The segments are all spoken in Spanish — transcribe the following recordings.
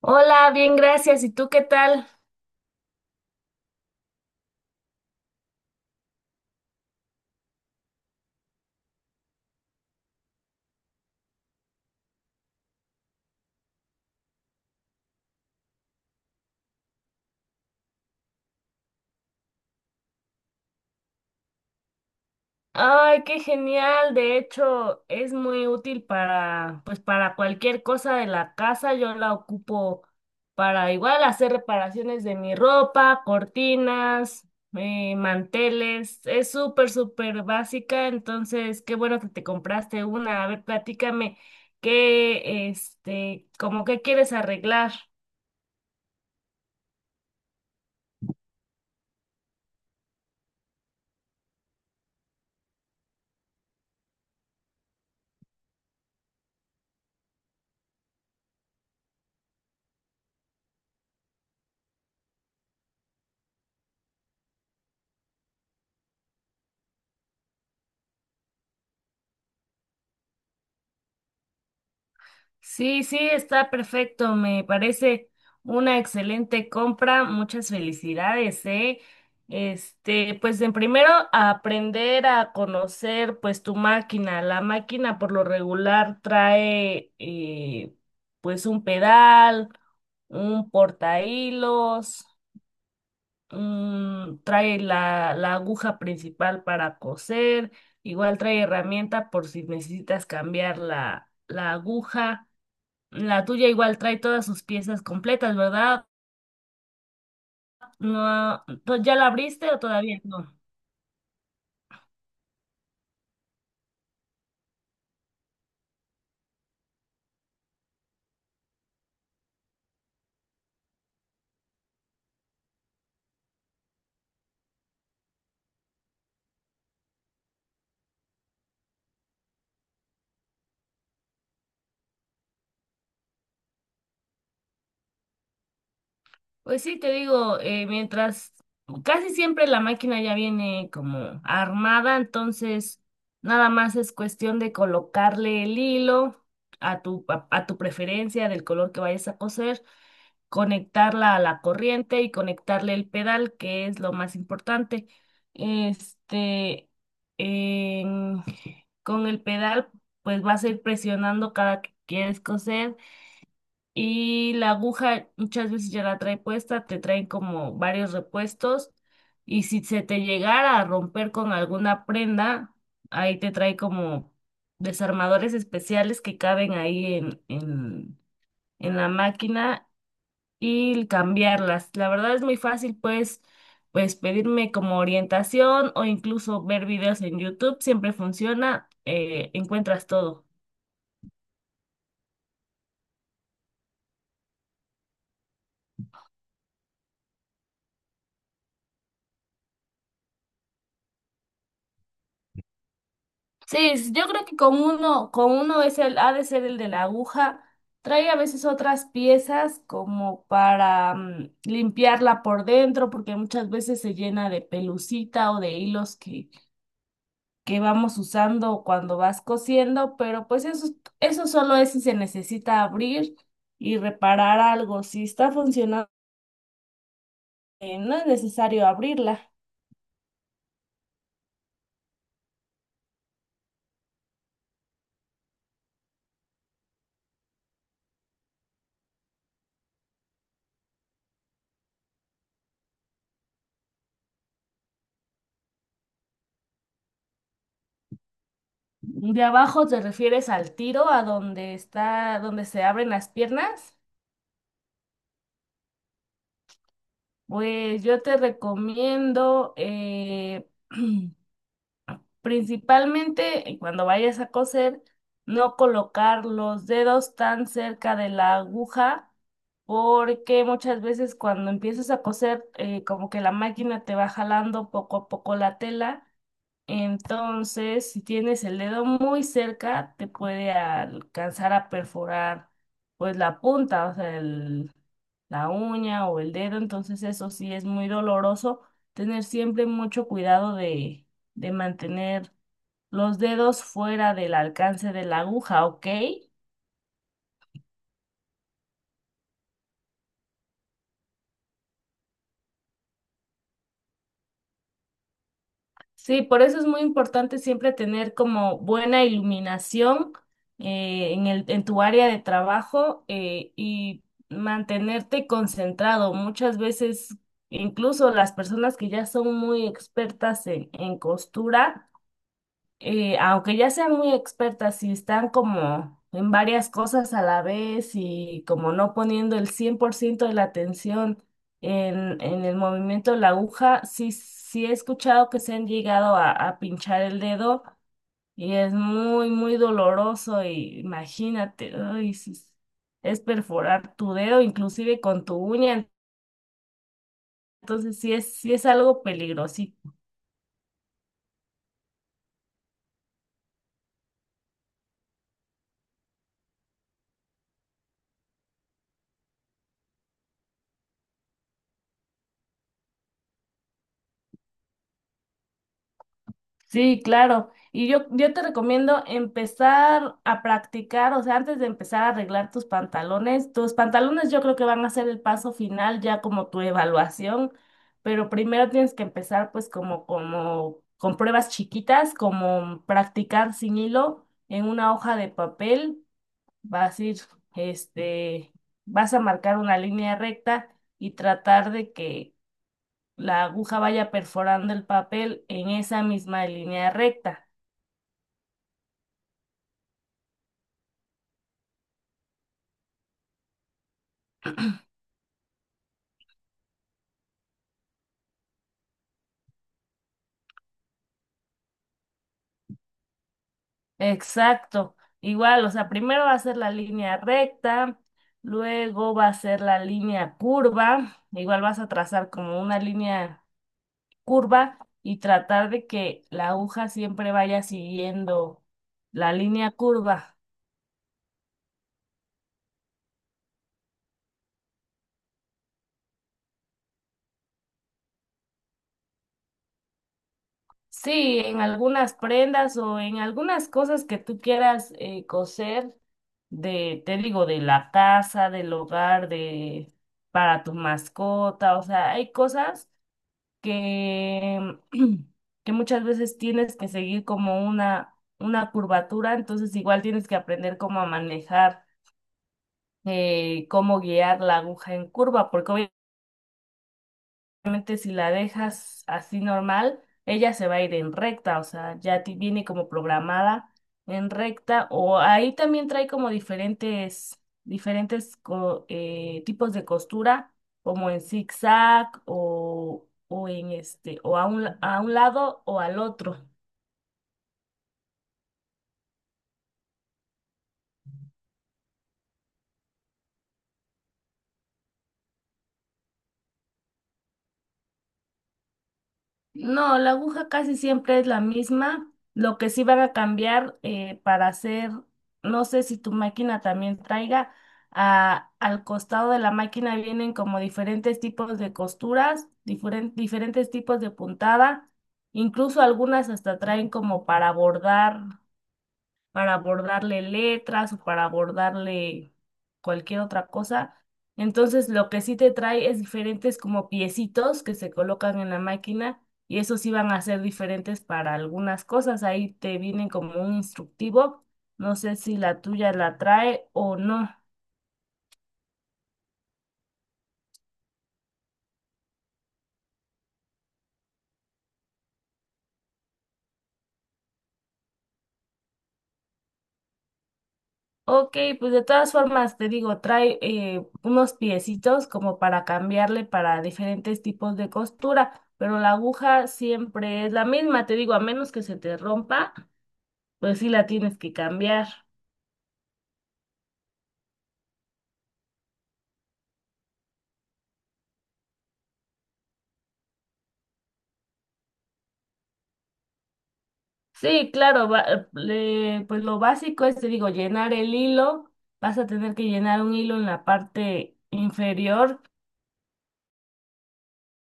Hola, bien, gracias. ¿Y tú qué tal? Ay, qué genial. De hecho, es muy útil pues, para cualquier cosa de la casa. Yo la ocupo para igual hacer reparaciones de mi ropa, cortinas, manteles. Es súper, súper básica. Entonces, qué bueno que te compraste una. A ver, platícame como qué quieres arreglar. Sí, sí, está perfecto. Me parece una excelente compra. Muchas felicidades, ¿eh? Pues en primero aprender a conocer pues tu máquina. La máquina por lo regular trae pues un pedal, un portahilos, trae la aguja principal para coser, igual trae herramienta por si necesitas cambiar la aguja. La tuya igual trae todas sus piezas completas, ¿verdad? No, ¿ya la abriste o todavía no? Pues sí, te digo, mientras casi siempre la máquina ya viene como armada, entonces nada más es cuestión de colocarle el hilo a tu preferencia del color que vayas a coser, conectarla a la corriente y conectarle el pedal, que es lo más importante. Este, en- con el pedal, pues vas a ir presionando cada que quieres coser, y la aguja muchas veces ya la trae puesta, te traen como varios repuestos, y si se te llegara a romper con alguna prenda, ahí te trae como desarmadores especiales que caben ahí en la máquina y cambiarlas. La verdad es muy fácil, pues pedirme como orientación o incluso ver videos en YouTube, siempre funciona, encuentras todo. Sí, yo creo que con uno es ha de ser el de la aguja. Trae a veces otras piezas como para limpiarla por dentro, porque muchas veces se llena de pelucita o de hilos que vamos usando cuando vas cosiendo, pero pues eso solo es si se necesita abrir y reparar algo. Si está funcionando, no es necesario abrirla. De abajo te refieres al tiro, a donde está, donde se abren las piernas. Pues yo te recomiendo, principalmente, cuando vayas a coser, no colocar los dedos tan cerca de la aguja, porque muchas veces cuando empiezas a coser, como que la máquina te va jalando poco a poco la tela. Entonces, si tienes el dedo muy cerca, te puede alcanzar a perforar pues la punta, o sea, la uña o el dedo. Entonces, eso sí es muy doloroso. Tener siempre mucho cuidado de, mantener los dedos fuera del alcance de la aguja, ¿ok? Sí, por eso es muy importante siempre tener como buena iluminación, en tu área de trabajo, y mantenerte concentrado. Muchas veces, incluso las personas que ya son muy expertas en costura, aunque ya sean muy expertas, si están como en varias cosas a la vez y como no poniendo el 100% de la atención en el movimiento de la aguja, sí, sí he escuchado que se han llegado a pinchar el dedo, y es muy, muy doloroso. Y imagínate, ay, sí, es perforar tu dedo inclusive con tu uña, entonces sí es algo peligroso. Sí, claro. Y yo te recomiendo empezar a practicar, o sea, antes de empezar a arreglar tus pantalones yo creo que van a ser el paso final, ya como tu evaluación, pero primero tienes que empezar pues como, con pruebas chiquitas, como practicar sin hilo en una hoja de papel. vas a ir, este, Vas a marcar una línea recta y tratar de que la aguja vaya perforando el papel en esa misma línea recta. Exacto, igual, o sea, primero va a ser la línea recta, luego va a ser la línea curva, igual vas a trazar como una línea curva y tratar de que la aguja siempre vaya siguiendo la línea curva. Sí, en algunas prendas o en algunas cosas que tú quieras, coser, te digo, de la casa, del hogar, de para tu mascota, o sea, hay cosas que, que muchas veces tienes que seguir como una curvatura, entonces igual tienes que aprender cómo guiar la aguja en curva, porque realmente si la dejas así normal, ella se va a ir en recta, o sea, ya viene como programada en recta. O ahí también trae como diferentes tipos de costura, como en zigzag o o a un lado o al otro. No, la aguja casi siempre es la misma. Lo que sí van a cambiar, para hacer, no sé si tu máquina también traiga, al costado de la máquina vienen como diferentes tipos de costuras, diferentes tipos de puntada, incluso algunas hasta traen como para bordarle letras o para bordarle cualquier otra cosa. Entonces, lo que sí te trae es diferentes como piecitos que se colocan en la máquina, y esos sí van a ser diferentes para algunas cosas. Ahí te vienen como un instructivo. No sé si la tuya la trae o no. Ok, pues de todas formas te digo, trae, unos piecitos como para cambiarle para diferentes tipos de costura, pero la aguja siempre es la misma, te digo, a menos que se te rompa, pues sí la tienes que cambiar. Sí, claro, pues lo básico es, te digo, llenar el hilo. Vas a tener que llenar un hilo en la parte inferior,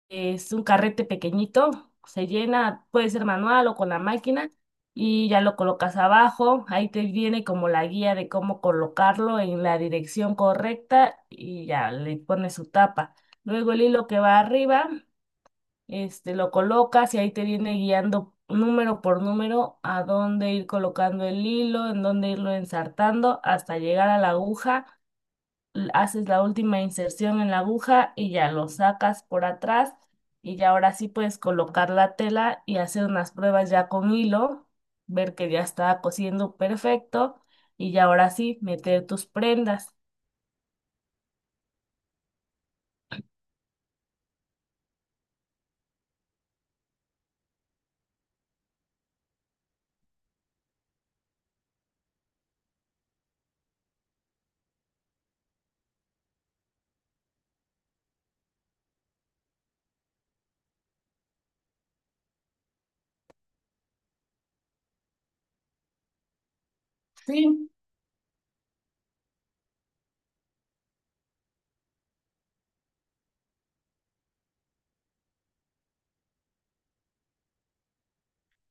que es un carrete pequeñito. Se llena, puede ser manual o con la máquina. Y ya lo colocas abajo. Ahí te viene como la guía de cómo colocarlo en la dirección correcta y ya le pones su tapa. Luego el hilo que va arriba, lo colocas, y ahí te viene guiando número por número a dónde ir colocando el hilo, en dónde irlo ensartando hasta llegar a la aguja. Haces la última inserción en la aguja y ya lo sacas por atrás, y ya ahora sí puedes colocar la tela y hacer unas pruebas ya con hilo, ver que ya está cosiendo perfecto, y ya ahora sí meter tus prendas. Sí,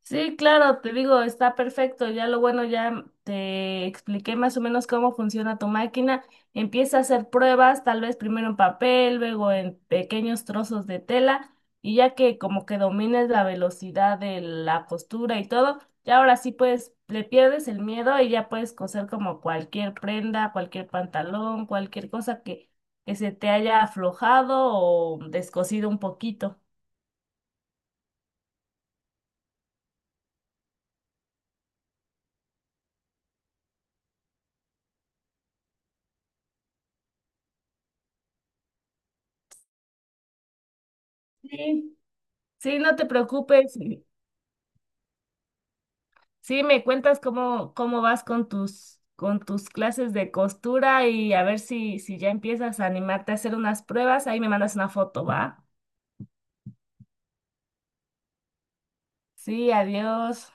sí, claro, te digo, está perfecto. Ya lo bueno, ya te expliqué más o menos cómo funciona tu máquina. Empieza a hacer pruebas, tal vez primero en papel, luego en pequeños trozos de tela, y ya que como que domines la velocidad de la costura y todo, ya ahora sí pues le pierdes el miedo y ya puedes coser como cualquier prenda, cualquier pantalón, cualquier cosa que se te haya aflojado o descosido un poquito. Sí, sí, no te preocupes. Sí, me cuentas cómo vas con tus clases de costura, y a ver si ya empiezas a animarte a hacer unas pruebas. Ahí me mandas una foto, ¿va? Sí, adiós.